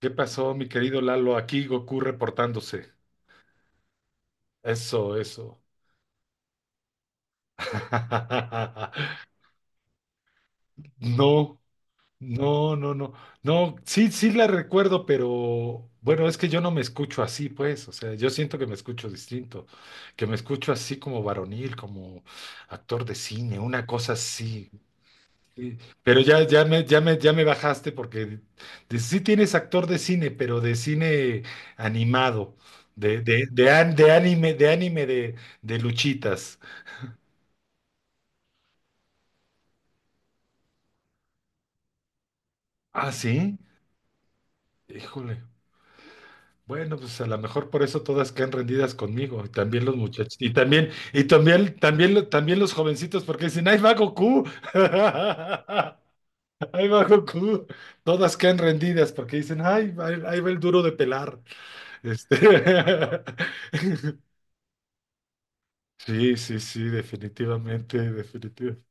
¿Qué pasó, mi querido Lalo? Aquí Goku reportándose. Eso, eso. No, no, no, no. No, sí, sí la recuerdo, pero bueno, es que yo no me escucho así, pues. O sea, yo siento que me escucho distinto, que me escucho así como varonil, como actor de cine, una cosa así. Sí, pero ya me bajaste porque sí tienes actor de cine, pero de cine animado, de anime, de anime de luchitas. Ah, sí, híjole. Bueno, pues a lo mejor por eso todas quedan rendidas conmigo, y también los muchachos, y también los jovencitos, porque dicen, ¡ay, va Goku! ¡Ay, va Goku! Todas quedan rendidas porque dicen, ¡ay, ahí va el duro de pelar! Este. Sí, sí, sí, definitivamente, definitivamente.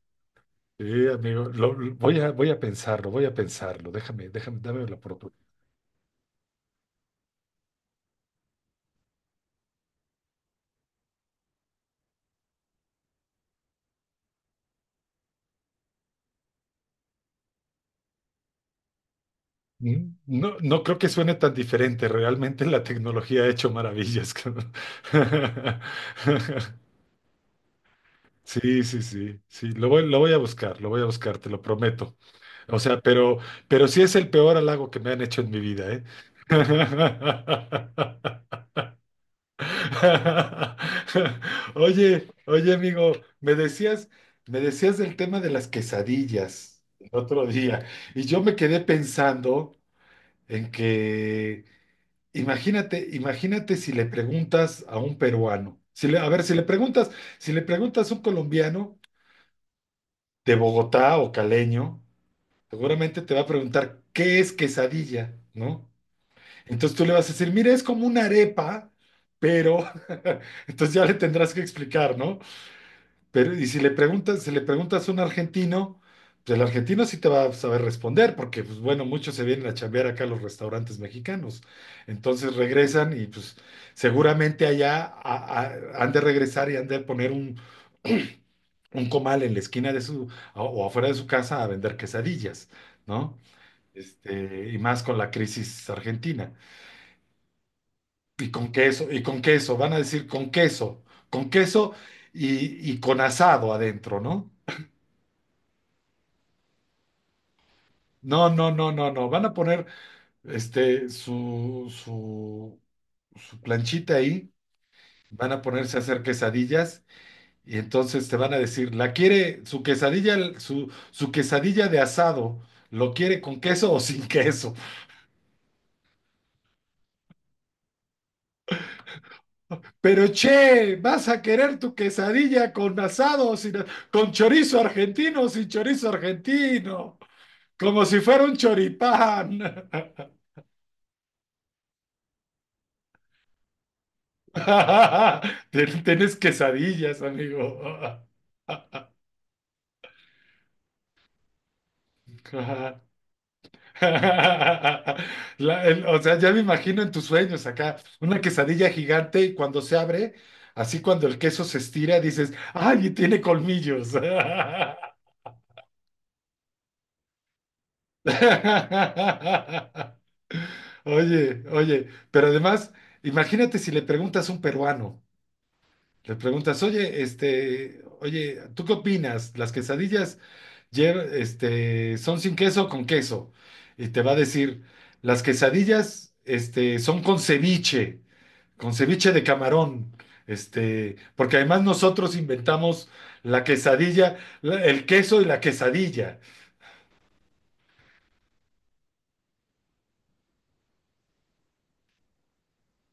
Sí, amigo, voy a pensarlo, voy a pensarlo. Déjame, déjame, dame la oportunidad. No, no creo que suene tan diferente. Realmente la tecnología ha hecho maravillas, cabrón. Sí, sí, sí, sí. Lo voy a buscar, lo voy a buscar, te lo prometo. O sea, pero sí es el peor halago que me han hecho en mi vida, ¿eh? Oye, oye, amigo, me decías, me decías del tema de las quesadillas el otro día, y yo me quedé pensando en que, imagínate, imagínate si le preguntas a un peruano, a ver, si le preguntas, si le preguntas a un colombiano de Bogotá o caleño, seguramente te va a preguntar qué es quesadilla, ¿no? Entonces tú le vas a decir, mira, es como una arepa, pero entonces ya le tendrás que explicar, ¿no? Pero, y si le preguntas, si le preguntas a un argentino, pues el argentino sí te va a saber responder, porque, pues bueno, muchos se vienen a chambear acá a los restaurantes mexicanos. Entonces regresan y, pues, seguramente allá han de regresar y han de poner un, un comal en la esquina de su, o afuera de su casa a vender quesadillas, ¿no? Y más con la crisis argentina. Y con queso, van a decir con queso y con asado adentro, ¿no? No, no, no, no, no. Van a poner este su, su, su planchita ahí, van a ponerse a hacer quesadillas y entonces te van a decir, ¿la quiere su quesadilla, su quesadilla de asado? ¿Lo quiere con queso o sin queso? Pero che, ¿vas a querer tu quesadilla con asado o sin, a- con chorizo argentino o sin chorizo argentino? Como si fuera un choripán. Tenés quesadillas, amigo. Ajá. O sea, ya me imagino en tus sueños acá, una quesadilla gigante y cuando se abre, así cuando el queso se estira, dices, ¡ay, y tiene colmillos! Oye, oye, pero además, imagínate si le preguntas a un peruano, le preguntas, oye, ¿tú qué opinas? ¿Las quesadillas? Son sin queso o con queso. Y te va a decir, las quesadillas, son con ceviche de camarón. Porque además nosotros inventamos la quesadilla, el queso y la quesadilla.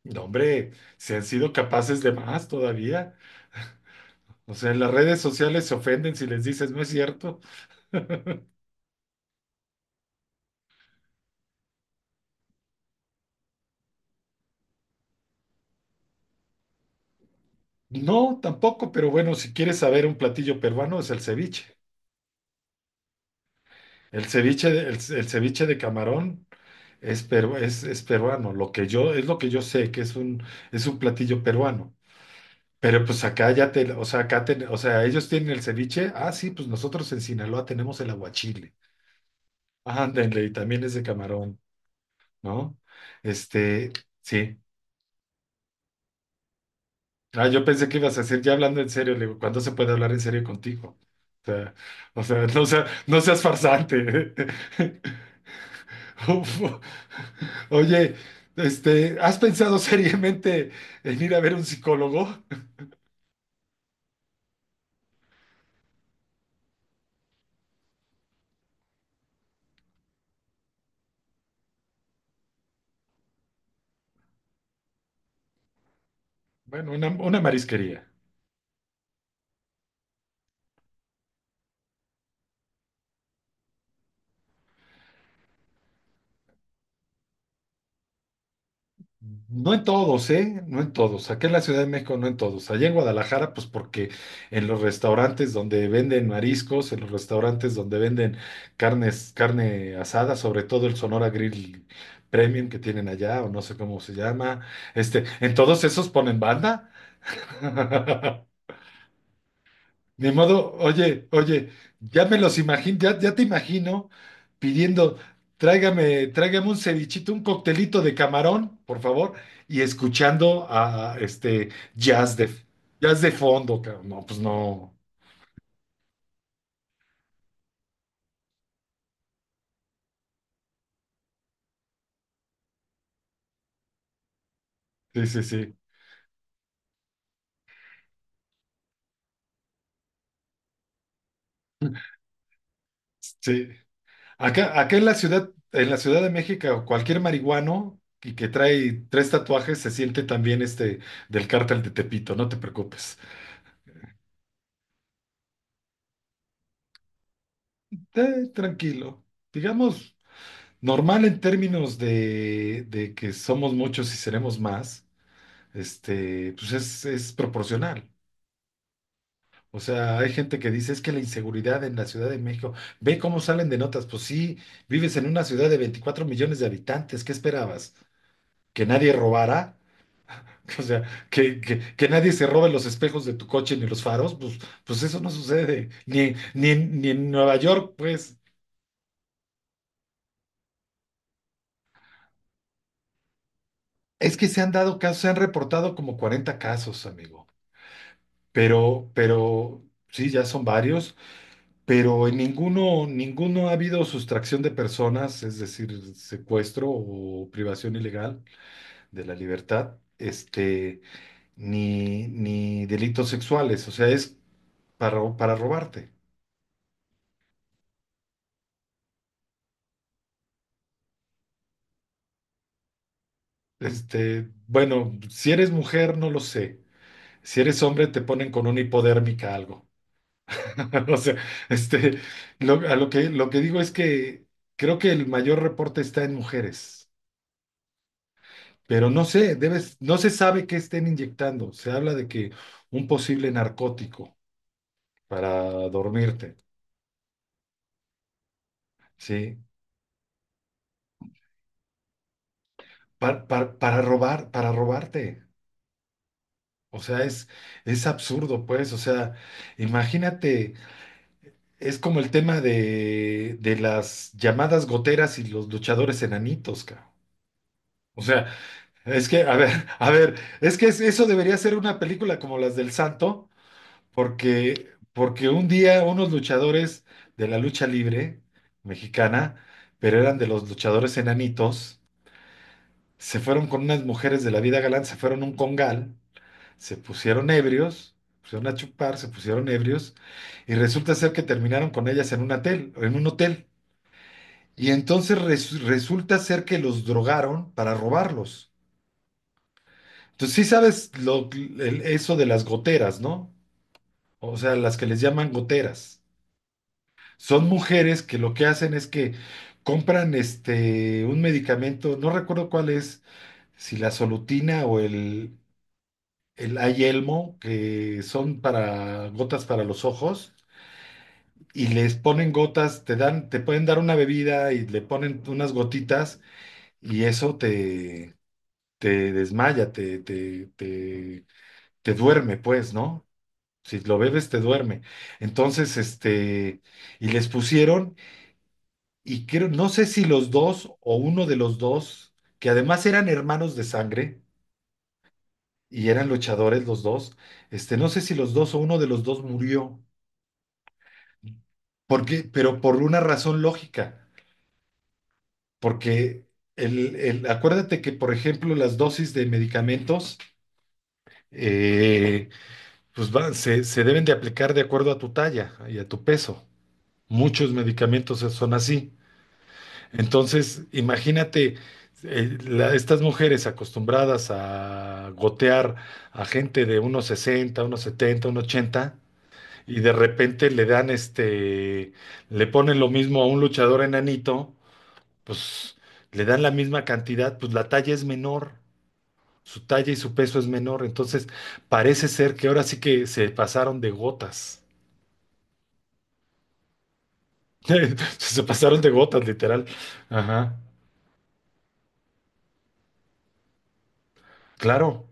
No, hombre, se han sido capaces de más todavía. O sea, en las redes sociales se ofenden si les dices, no es cierto. No, tampoco, pero bueno, si quieres saber un platillo peruano es el ceviche. El ceviche, el ceviche de camarón es peruano. Es lo que yo sé, que es un platillo peruano. Pero pues acá o sea, acá o sea, ellos tienen el ceviche. Ah, sí, pues nosotros en Sinaloa tenemos el aguachile. Ándale, y también es de camarón, ¿no? Este, sí. Ah, yo pensé que ibas a decir, ya hablando en serio, le digo, ¿cuándo se puede hablar en serio contigo? O sea, o sea, no seas farsante. Uf. Oye, ¿has pensado seriamente en ir a ver un psicólogo? Bueno, una marisquería. No en todos, ¿eh? No en todos. Aquí en la Ciudad de México no en todos. Allá en Guadalajara, pues porque en los restaurantes donde venden mariscos, en los restaurantes donde venden carnes, carne asada, sobre todo el Sonora Grill Premium que tienen allá, o no sé cómo se llama, en todos esos ponen banda. Ni modo, oye, oye, ya me los imagino, ya te imagino pidiendo, tráigame, tráigame un cevichito, un coctelito de camarón, por favor, y escuchando a jazz jazz de fondo, cabrón. No, pues no. Sí, sí, sí. Sí. Acá en la Ciudad de México, cualquier marihuano y que trae tres tatuajes se siente también del cártel de Tepito, no te preocupes. Tranquilo. Digamos. Normal en términos de que somos muchos y seremos más, pues es proporcional. O sea, hay gente que dice, es que la inseguridad en la Ciudad de México, ve cómo salen de notas, pues sí, vives en una ciudad de 24 millones de habitantes, ¿qué esperabas? ¿Que nadie robara? O sea, que nadie se robe los espejos de tu coche ni los faros, pues eso no sucede, ni en Nueva York, pues. Es que se han dado casos, se han reportado como 40 casos, amigo. Pero sí, ya son varios, pero en ninguno, ninguno ha habido sustracción de personas, es decir, secuestro o privación ilegal de la libertad, ni delitos sexuales, o sea, es para robarte. Bueno, si eres mujer, no lo sé. Si eres hombre, te ponen con una hipodérmica algo. O sea, este, lo que digo es que creo que el mayor reporte está en mujeres. Pero no sé, no se sabe qué estén inyectando. Se habla de que un posible narcótico para dormirte, ¿sí? Para, robar, para robarte. O sea, es absurdo, pues. O sea, imagínate, es como el tema de las llamadas goteras y los luchadores enanitos, cabrón. O sea, es que, a ver, a ver, es que eso debería ser una película como las del Santo. Porque un día unos luchadores de la lucha libre mexicana, pero eran de los luchadores enanitos, se fueron con unas mujeres de la vida galante, se fueron a un congal, se pusieron ebrios, pusieron a chupar, se pusieron ebrios, y resulta ser que terminaron con ellas en un hotel, en un hotel. Y entonces resulta ser que los drogaron para robarlos. Entonces sí sabes eso de las goteras, ¿no? O sea, las que les llaman goteras. Son mujeres que lo que hacen es que compran un medicamento, no recuerdo cuál es, si la solutina o el Ayelmo, que son para gotas para los ojos, y les ponen gotas, te pueden dar una bebida y le ponen unas gotitas, y eso te desmaya, te duerme, pues, ¿no? Si lo bebes, te duerme. Entonces, y les pusieron. Y creo, no sé si los dos o uno de los dos, que además eran hermanos de sangre y eran luchadores los dos, no sé si los dos o uno de los dos murió, porque, pero por una razón lógica, porque acuérdate que, por ejemplo, las dosis de medicamentos eh, pues se deben de aplicar de acuerdo a tu talla y a tu peso. Muchos medicamentos son así. Entonces, imagínate, estas mujeres acostumbradas a gotear a gente de unos 60, unos 70, unos 80, y de repente le ponen lo mismo a un luchador enanito, pues le dan la misma cantidad, pues la talla es menor, su talla y su peso es menor, entonces parece ser que ahora sí que se pasaron de gotas, se pasaron de gotas, literal. Ajá, claro.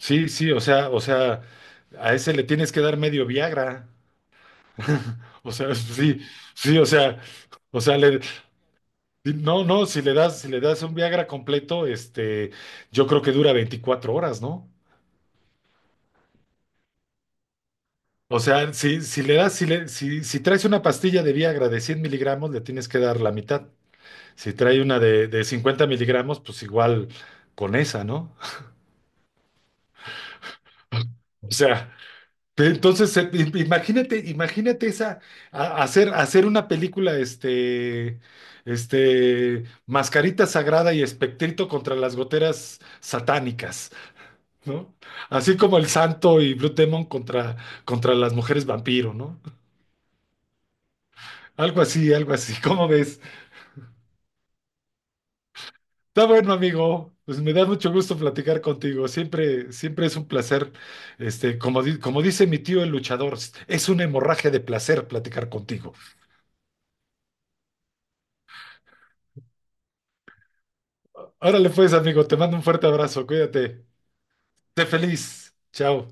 Sí, sí, o sea, a ese le tienes que dar medio Viagra. O sea, sí, sí, o sea, le- sí, no, no, si le das, si le das un Viagra completo, yo creo que dura 24 horas, ¿no? O sea, si, si le das, si le, si, si traes una pastilla de Viagra de 100 miligramos, le tienes que dar la mitad. Si trae una de 50 miligramos, pues igual con esa, ¿no? O sea. Entonces, imagínate, imagínate esa, hacer una película, Mascarita Sagrada y Espectrito contra las goteras satánicas, ¿no? Así como el Santo y Blue Demon contra, contra las mujeres vampiro, ¿no? Algo así, ¿cómo ves? Está bueno, amigo. Pues me da mucho gusto platicar contigo. Siempre, siempre es un placer, como dice mi tío el luchador, es una hemorragia de placer platicar contigo. Órale pues, amigo, te mando un fuerte abrazo, cuídate. Sé feliz. Chao.